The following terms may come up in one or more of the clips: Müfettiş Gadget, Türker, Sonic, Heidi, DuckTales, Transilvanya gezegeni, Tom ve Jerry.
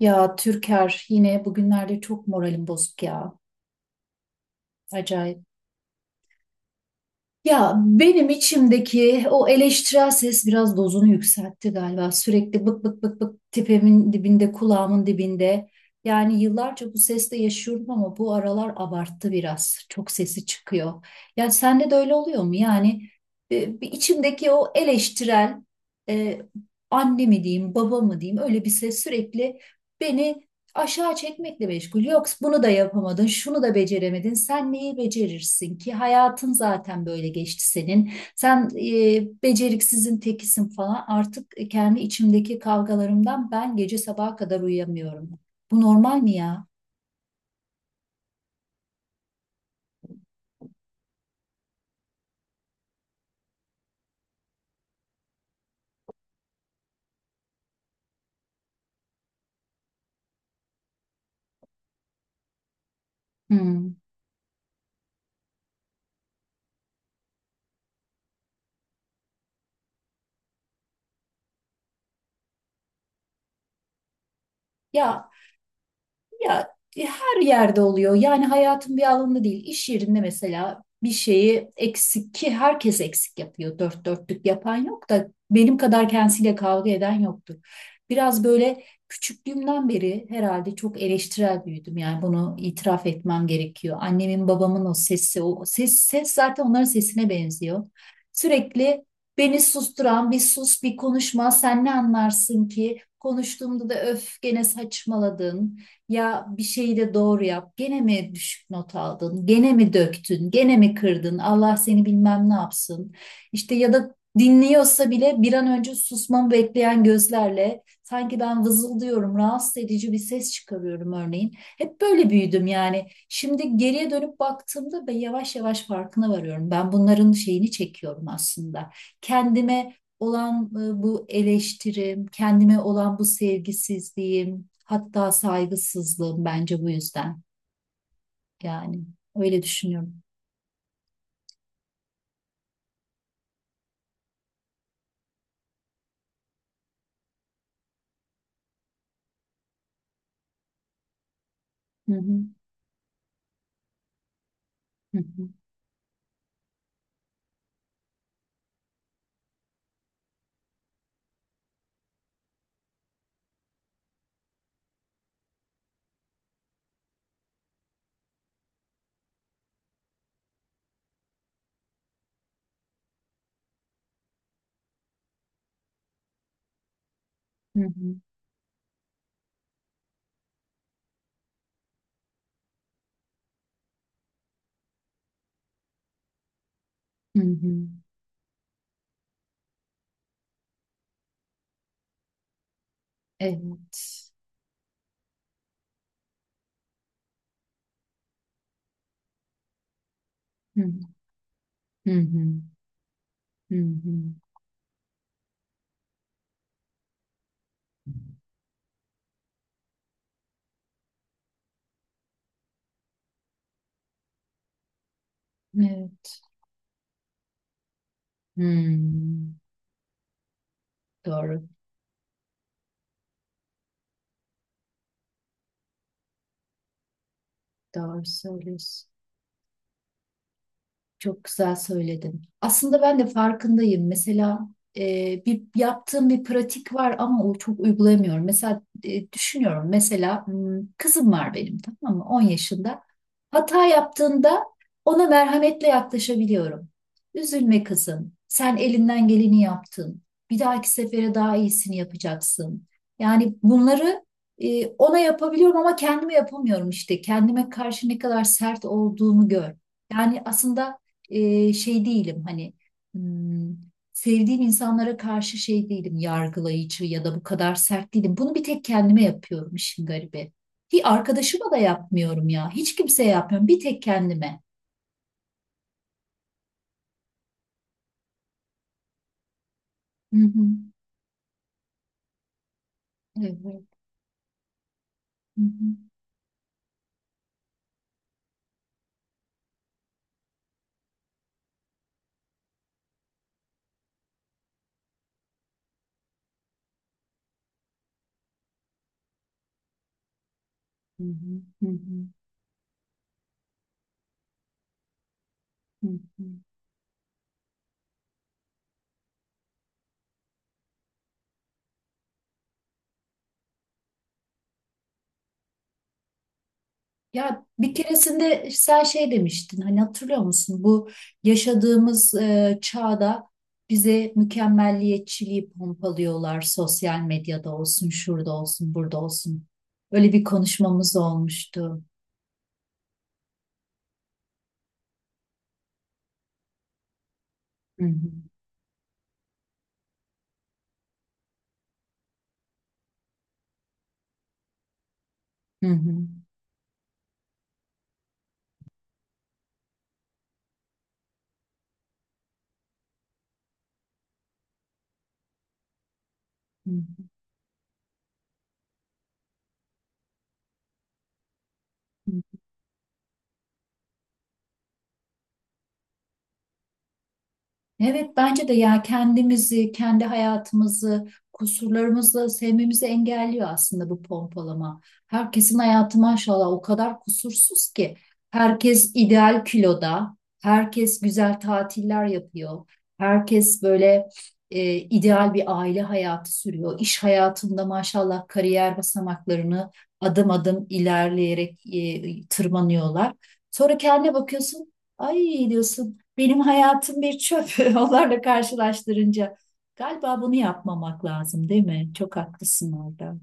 Ya Türker yine bugünlerde çok moralim bozuk ya. Acayip. Ya benim içimdeki o eleştirel ses biraz dozunu yükseltti galiba. Sürekli bık bık bık bık tepemin dibinde, kulağımın dibinde. Yani yıllarca bu sesle yaşıyorum ama bu aralar abarttı biraz. Çok sesi çıkıyor. Ya sende de öyle oluyor mu? Bir içimdeki o eleştirel e, anne mi diyeyim, baba mı diyeyim, öyle bir ses sürekli beni aşağı çekmekle meşgul. Yok bunu da yapamadın, şunu da beceremedin. Sen neyi becerirsin ki? Hayatın zaten böyle geçti senin. Sen Beceriksizin tekisin falan. Artık kendi içimdeki kavgalarımdan ben gece sabaha kadar uyuyamıyorum. Bu normal mi ya? Hmm. Ya Ya Her yerde oluyor. Yani hayatın bir alanında değil. İş yerinde mesela bir şeyi eksik ki herkes eksik yapıyor. Dört dörtlük yapan yok da benim kadar kendisiyle kavga eden yoktur. Biraz böyle küçüklüğümden beri herhalde çok eleştirel büyüdüm. Yani bunu itiraf etmem gerekiyor. Annemin babamın o sesi, o ses, ses zaten onların sesine benziyor. Sürekli beni susturan bir sus, bir konuşma, sen ne anlarsın ki? Konuştuğumda da öf, gene saçmaladın, ya bir şeyi de doğru yap. Gene mi düşük not aldın? Gene mi döktün? Gene mi kırdın? Allah seni bilmem ne yapsın. İşte ya da dinliyorsa bile bir an önce susmamı bekleyen gözlerle, sanki ben vızıldıyorum, rahatsız edici bir ses çıkarıyorum örneğin. Hep böyle büyüdüm yani. Şimdi geriye dönüp baktığımda ben yavaş yavaş farkına varıyorum. Ben bunların şeyini çekiyorum aslında. Kendime olan bu eleştirim, kendime olan bu sevgisizliğim, hatta saygısızlığım bence bu yüzden. Yani öyle düşünüyorum. Hı hı, hı hı, hı hı, hı hı. Evet. Hı hı, hı hı, hı hı. Evet. Hmm. Doğru. Doğru söylüyorsun. Çok güzel söyledin. Aslında ben de farkındayım. Mesela bir yaptığım bir pratik var ama o çok uygulayamıyorum. Mesela düşünüyorum. Mesela hmm, kızım var benim, tamam mı? 10 yaşında. Hata yaptığında ona merhametle yaklaşabiliyorum. Üzülme kızım. Sen elinden geleni yaptın. Bir dahaki sefere daha iyisini yapacaksın. Yani bunları ona yapabiliyorum ama kendime yapamıyorum işte. Kendime karşı ne kadar sert olduğumu gör. Yani aslında şey değilim hani, hmm, sevdiğim insanlara karşı şey değilim, yargılayıcı ya da bu kadar sert değilim. Bunu bir tek kendime yapıyorum, işin garibi. Hiç arkadaşıma da yapmıyorum ya. Hiç kimseye yapmıyorum. Bir tek kendime. Hı hı. Evet. Hı hı. Hı hı. Hı hı. Hı hı. Ya bir keresinde sen şey demiştin, hani hatırlıyor musun, bu yaşadığımız çağda bize mükemmelliyetçiliği pompalıyorlar, sosyal medyada olsun, şurada olsun, burada olsun. Öyle bir konuşmamız olmuştu. Hı hı, hı hı, hı hı. Evet bence de ya kendimizi, kendi hayatımızı, kusurlarımızla sevmemizi engelliyor aslında bu pompalama. Herkesin hayatı maşallah o kadar kusursuz ki. Herkes ideal kiloda, herkes güzel tatiller yapıyor. Herkes böyle ideal bir aile hayatı sürüyor. İş hayatında maşallah kariyer basamaklarını adım adım ilerleyerek tırmanıyorlar. Sonra kendine bakıyorsun, ay diyorsun. Benim hayatım bir çöp onlarla karşılaştırınca. Galiba bunu yapmamak lazım, değil mi? Çok haklısın orada.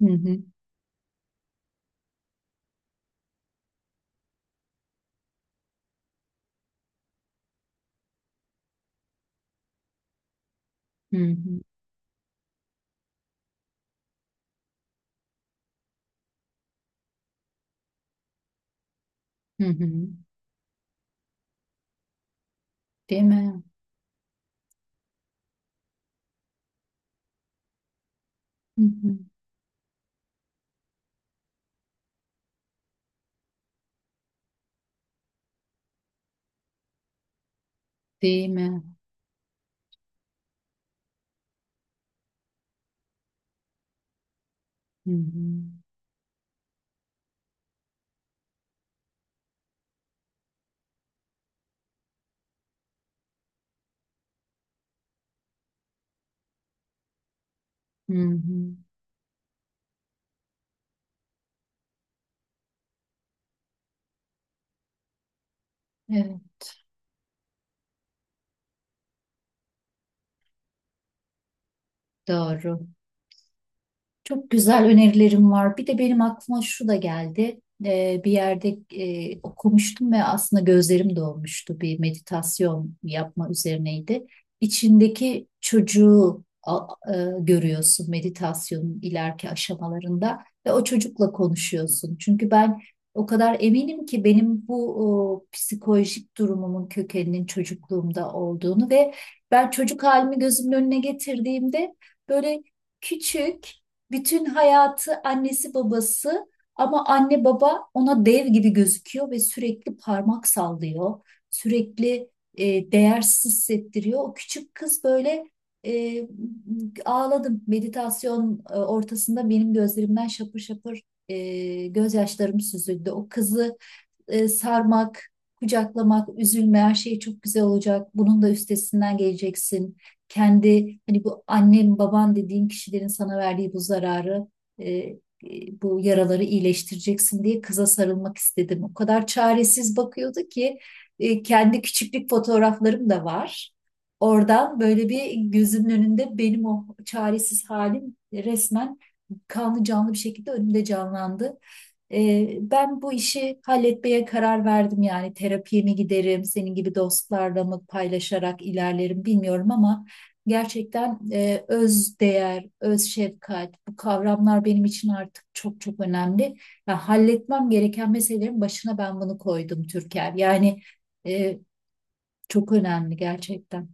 Hı hı, hı hı, hı hı. Değil mi? Hı hı, değil mi? Hı hı, hı hı. Evet, doğru. Çok güzel önerilerim var. Bir de benim aklıma şu da geldi. Bir yerde okumuştum ve aslında gözlerim dolmuştu. Bir meditasyon yapma üzerineydi. İçindeki çocuğu görüyorsun meditasyonun ileriki aşamalarında ve o çocukla konuşuyorsun. Çünkü ben o kadar eminim ki benim bu o, psikolojik durumumun kökeninin çocukluğumda olduğunu ve ben çocuk halimi gözümün önüne getirdiğimde böyle küçük, bütün hayatı annesi babası, ama anne baba ona dev gibi gözüküyor ve sürekli parmak sallıyor. Sürekli değersiz hissettiriyor. O küçük kız böyle e, ağladım. Meditasyon ortasında benim gözlerimden şapır şapır gözyaşlarım süzüldü. O kızı sarmak, kucaklamak, üzülme, her şey çok güzel olacak. Bunun da üstesinden geleceksin. Kendi, hani bu annen, baban dediğin kişilerin sana verdiği bu zararı, e, e, bu yaraları iyileştireceksin diye kıza sarılmak istedim. O kadar çaresiz bakıyordu ki, kendi küçüklük fotoğraflarım da var. Oradan böyle bir gözümün önünde benim o çaresiz halim resmen kanlı canlı bir şekilde önümde canlandı. Ben bu işi halletmeye karar verdim, yani terapiye mi giderim, senin gibi dostlarla mı paylaşarak ilerlerim bilmiyorum ama gerçekten öz değer, öz şefkat, bu kavramlar benim için artık çok çok önemli. Ya halletmem gereken meselelerin başına ben bunu koydum Türker. Yani e, çok önemli gerçekten.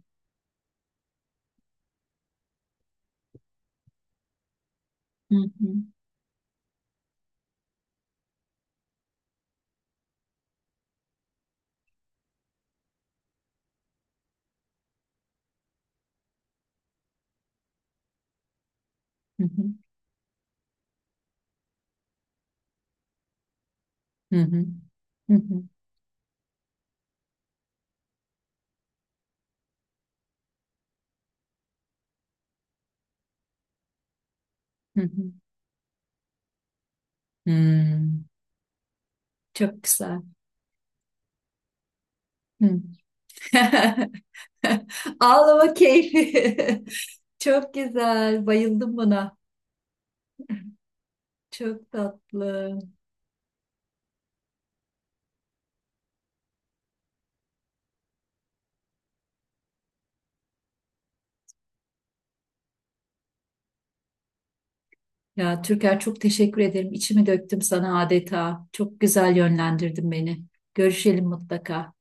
Hı hı, hı hı, hı hı, hı hı, hı hı. Hmm, çok güzel. Hı. Ağlama keyfi. Çok güzel. Bayıldım buna. Çok tatlı. Ya Türker, çok teşekkür ederim. İçimi döktüm sana adeta. Çok güzel yönlendirdin beni. Görüşelim mutlaka.